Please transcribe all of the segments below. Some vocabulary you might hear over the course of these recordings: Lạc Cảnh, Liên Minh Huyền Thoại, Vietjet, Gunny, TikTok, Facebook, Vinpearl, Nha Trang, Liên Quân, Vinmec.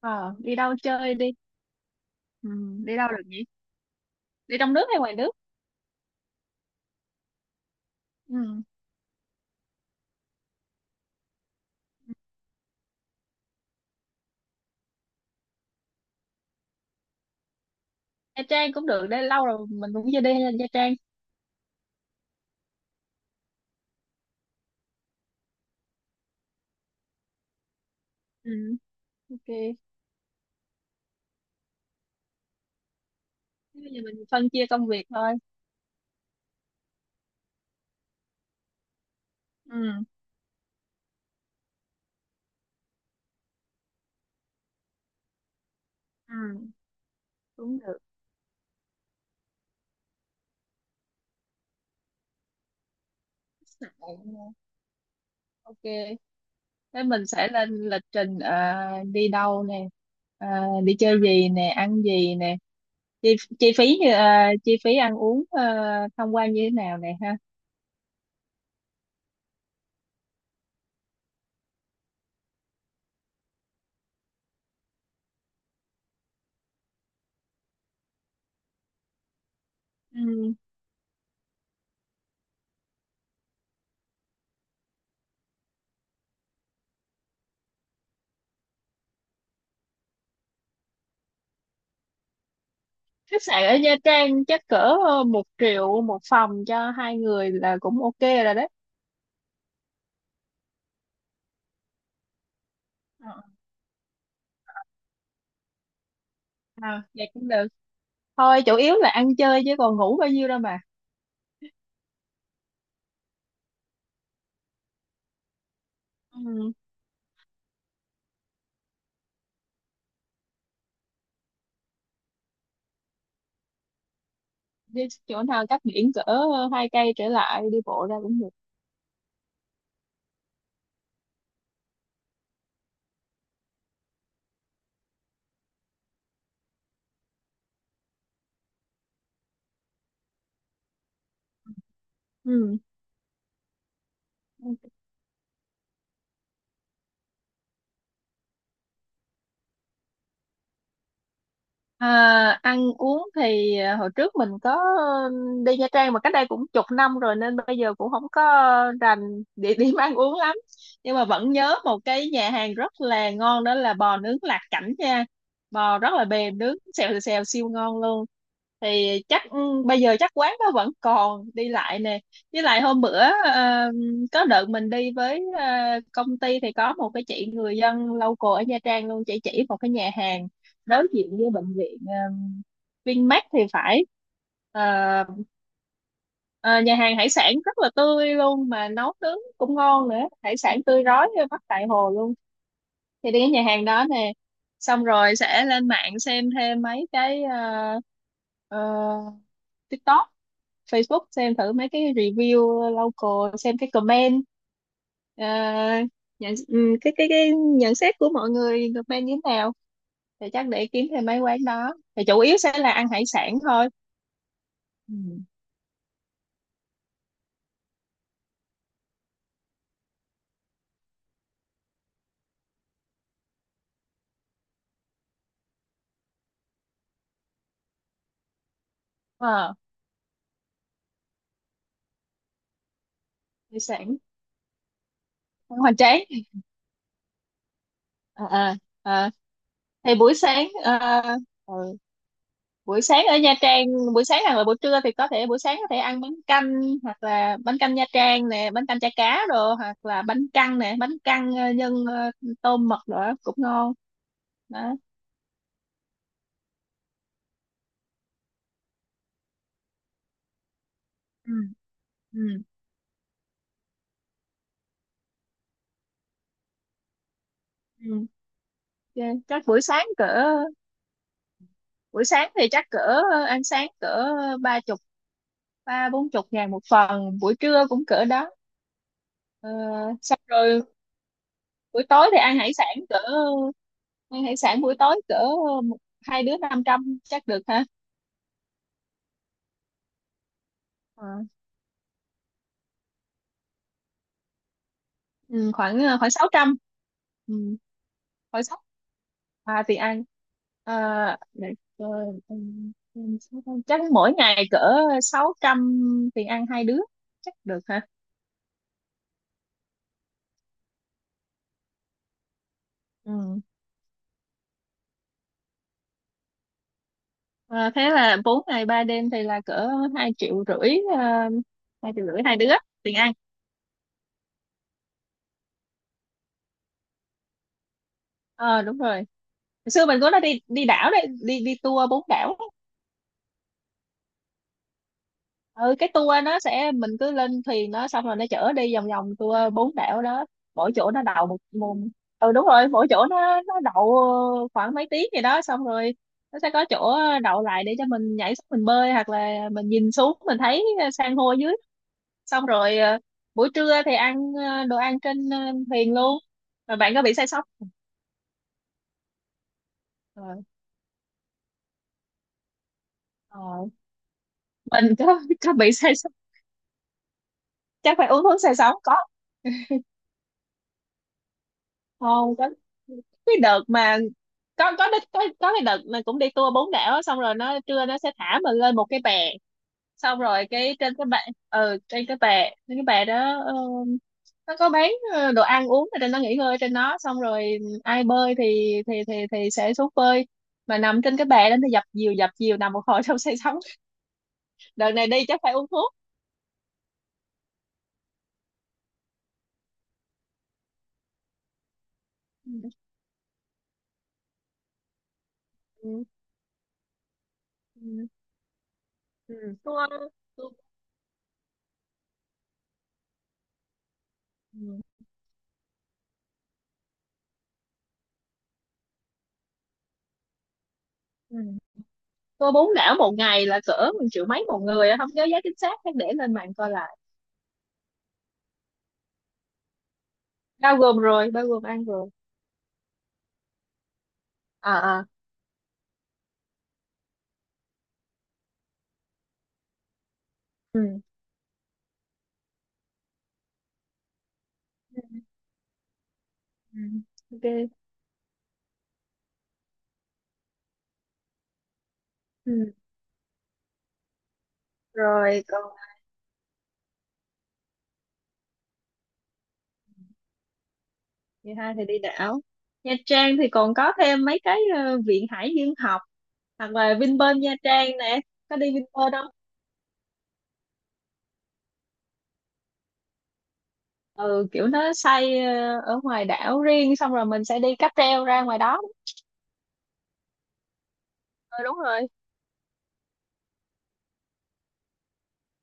Ờ, Đi đâu chơi đi. Ừ, đi đâu được nhỉ? Đi trong nước hay ngoài nước? Ừ. Nha Trang cũng được, đây lâu rồi mình cũng chưa đi Nha Trang. Ừ, ok. Thế bây giờ mình phân chia công việc thôi. Ừ. Ừ, cũng được. Sẵn. Ok, thế mình sẽ lên lịch trình, đi đâu nè, ờ, đi chơi gì nè, ăn gì nè, chi phí như chi phí ăn uống, tham quan như thế nào nè, ha? Ừ. Khách sạn ở Nha Trang chắc cỡ một triệu một phòng cho hai người là cũng ok rồi đấy. Ờ, à, vậy cũng được, thôi chủ yếu là ăn chơi chứ còn ngủ bao nhiêu đâu mà. Ừ. Đi chỗ nào cách biển cỡ hai cây trở lại, đi bộ ra cũng được. Ừ. À, ăn uống thì à, hồi trước mình có đi Nha Trang mà cách đây cũng chục năm rồi nên bây giờ cũng không có rành địa điểm ăn uống lắm. Nhưng mà vẫn nhớ một cái nhà hàng rất là ngon, đó là bò nướng Lạc Cảnh nha. Bò rất là mềm, nướng xèo xèo siêu ngon luôn. Thì chắc bây giờ chắc quán đó vẫn còn, đi lại nè. Với lại hôm bữa ờ, có đợt mình đi với công ty thì có một cái chị người dân local ở Nha Trang luôn, chị chỉ một cái nhà hàng đối diện với bệnh viện Vinmec thì phải. Ờ, ờ, nhà hàng hải sản rất là tươi luôn mà nấu nướng cũng ngon nữa. Hải sản tươi rói bắt tại hồ luôn. Thì đi cái nhà hàng đó nè, xong rồi sẽ lên mạng xem thêm mấy cái ờ, TikTok, Facebook, xem thử mấy cái review local, xem cái comment. Ờ, cái nhận xét của mọi người comment như thế nào, thì chắc để kiếm thêm mấy quán đó. Thì chủ yếu sẽ là ăn hải sản thôi. Ừ. Ờ, hải sản ăn hoành tráng. À, à, à. Thì buổi sáng ừ, buổi sáng ở Nha Trang, buổi sáng hoặc là buổi trưa, thì có thể buổi sáng có thể ăn bánh canh, hoặc là bánh canh Nha Trang nè, bánh canh chả cá đồ, hoặc là bánh căn nè, bánh căn nhân tôm mực rồi cũng ngon. Đó. Ừ. Ừ. Ừ. Ok. Chắc buổi sáng cỡ, buổi sáng thì chắc cỡ ờ, ăn sáng cỡ ba chục, ba bốn chục ngàn một phần, buổi trưa cũng cỡ đó. Ờ, xong rồi buổi tối thì ăn hải sản cỡ, ăn hải sản buổi tối cỡ một- hai đứa năm trăm chắc được ha. Ờ, ừ, khoảng khoảng sáu trăm. Ừ, khoảng sáu À thì ăn, à, để coi, sáu trăm. Chắc mỗi ngày cỡ sáu trăm tiền ăn hai đứa chắc được ha. Ừ. Ờ, thế là 4 ngày 3 đêm thì là cỡ 2 triệu rưỡi, 2 triệu rưỡi hai đứa tiền ăn. Ờ đúng rồi, hồi xưa mình cũng đã đi đi đảo đấy, đi đi tour bốn đảo. Ừ, cái tour nó sẽ mình cứ lên thuyền nó, xong rồi nó chở đi vòng vòng tour bốn đảo đó. Mỗi chỗ nó đầu một, một Ừ đúng rồi, mỗi chỗ nó đậu khoảng mấy tiếng gì đó, xong rồi nó sẽ có chỗ đậu lại để cho mình nhảy xuống mình bơi, hoặc là mình nhìn xuống mình thấy san hô dưới. Xong rồi buổi trưa thì ăn đồ ăn trên thuyền luôn. Rồi bạn có bị say sóng? ờ, ờ, mình có có bị say sóng, chắc phải uống thuốc say sóng. Có không có cái đợt mà, có đích- có cái đợt mà cũng đi tour bốn đảo á, xong rồi nó trưa nó sẽ thả mình lên một cái bè, xong rồi cái trên cái bệ. Ừ, trên cái bè, đó nó có bán đồ ăn uống ở trên đó, nghỉ ngơi ở trên đó, xong rồi ai bơi thì sẽ xuống bơi. Mà nằm trên cái bè đó thì dập dìu nằm một hồi xong say sóng. Đợt này đi chắc phải uống thuốc. Ừ. Ừ. Ừ. Ừ. Tour, tour. Ừ. Ừ. Tour bốn đảo một ngày là cỡ một triệu mấy một người á, không nhớ giá chính xác chắc để lên mạng coi lại. Bao gồm rồi, bao gồm ăn rồi. À à. Ừ. Ừ, ừ. Ừ. Ok. Ừ rồi. Còn ngày hai thì đi đảo. Nha Trang thì còn có thêm mấy cái viện hải dương học, hoặc là Vinpearl Nha Trang nè. Có đi Vinpearl không? Ừ, kiểu nó xây ở ngoài đảo riêng, xong rồi mình sẽ đi cáp treo ra ngoài đó. Ừ, đúng rồi.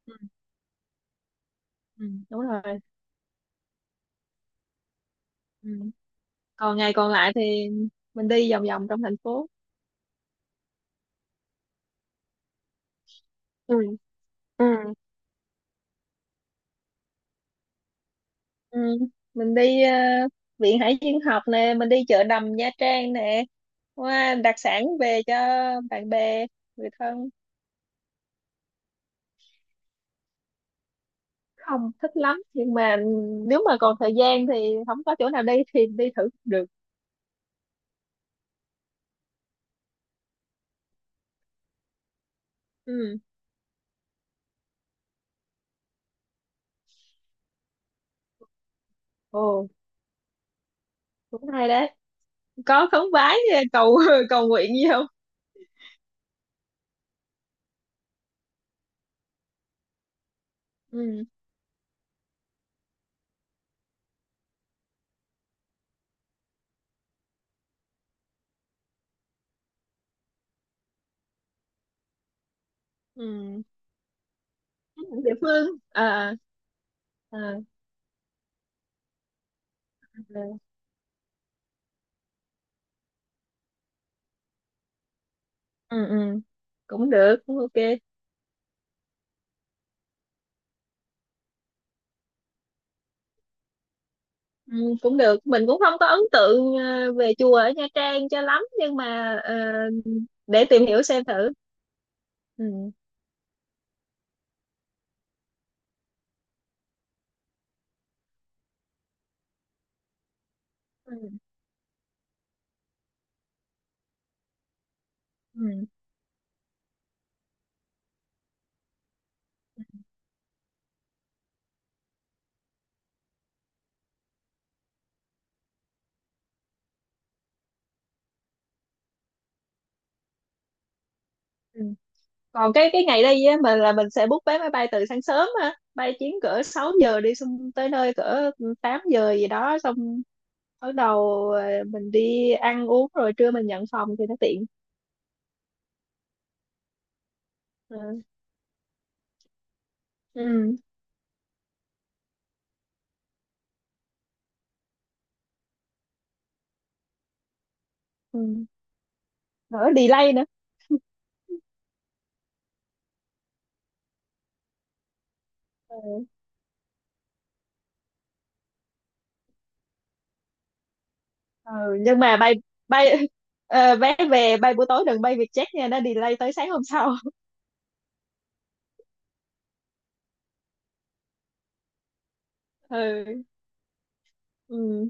Ừ, ừ, đúng rồi. Ừ. Còn ngày còn lại thì mình đi vòng vòng trong thành phố. Ừ. Ừ. Ừ. Mình đi viện hải dương học nè, mình đi chợ đầm Nha Trang nè, qua đặc sản về cho bạn bè, người thân. Không thích lắm nhưng mà nếu mà còn thời gian thì không có chỗ nào đi thì đi thử cũng được. Ừ. Ồ, cũng hay đấy. Có khấn vái cầu cầu nguyện gì không? Ừ, ừ. Địa phương, à, à, à. Ừ. Ừ, cũng được, cũng ok. Ừ, cũng được, mình cũng không có ấn tượng về chùa ở Nha Trang cho lắm, nhưng mà để tìm hiểu xem thử. Ừ. Ừ. Ừ. Ừ. Còn cái ngày đi á, mình là mình sẽ book vé máy bay từ sáng sớm á, bay chuyến cỡ 6 giờ đi, xong tới nơi cỡ 8 giờ gì đó, xong bắt đầu mình đi ăn uống rồi trưa mình nhận phòng thì nó tiện. Ừ. Ừ. Ừ. Đỡ delay nữa. Ừ. Ừ. Nhưng mà bay bay vé về bay buổi tối đừng bay Vietjet nha, nó delay tới sáng hôm sau. Ừ. Ừ.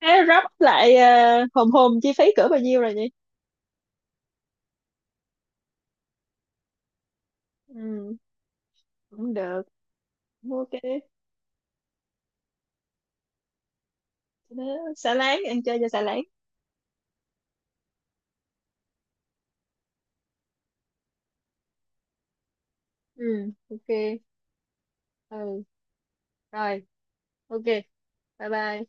Thế rắp lại hòm hòm chi phí cỡ bao nhiêu rồi nhỉ? Ừ. Cũng được. Ok. Đó, xả láng, ăn chơi cho xả láng. Ừ. Ok. Ừ rồi. Ok. Bye bye.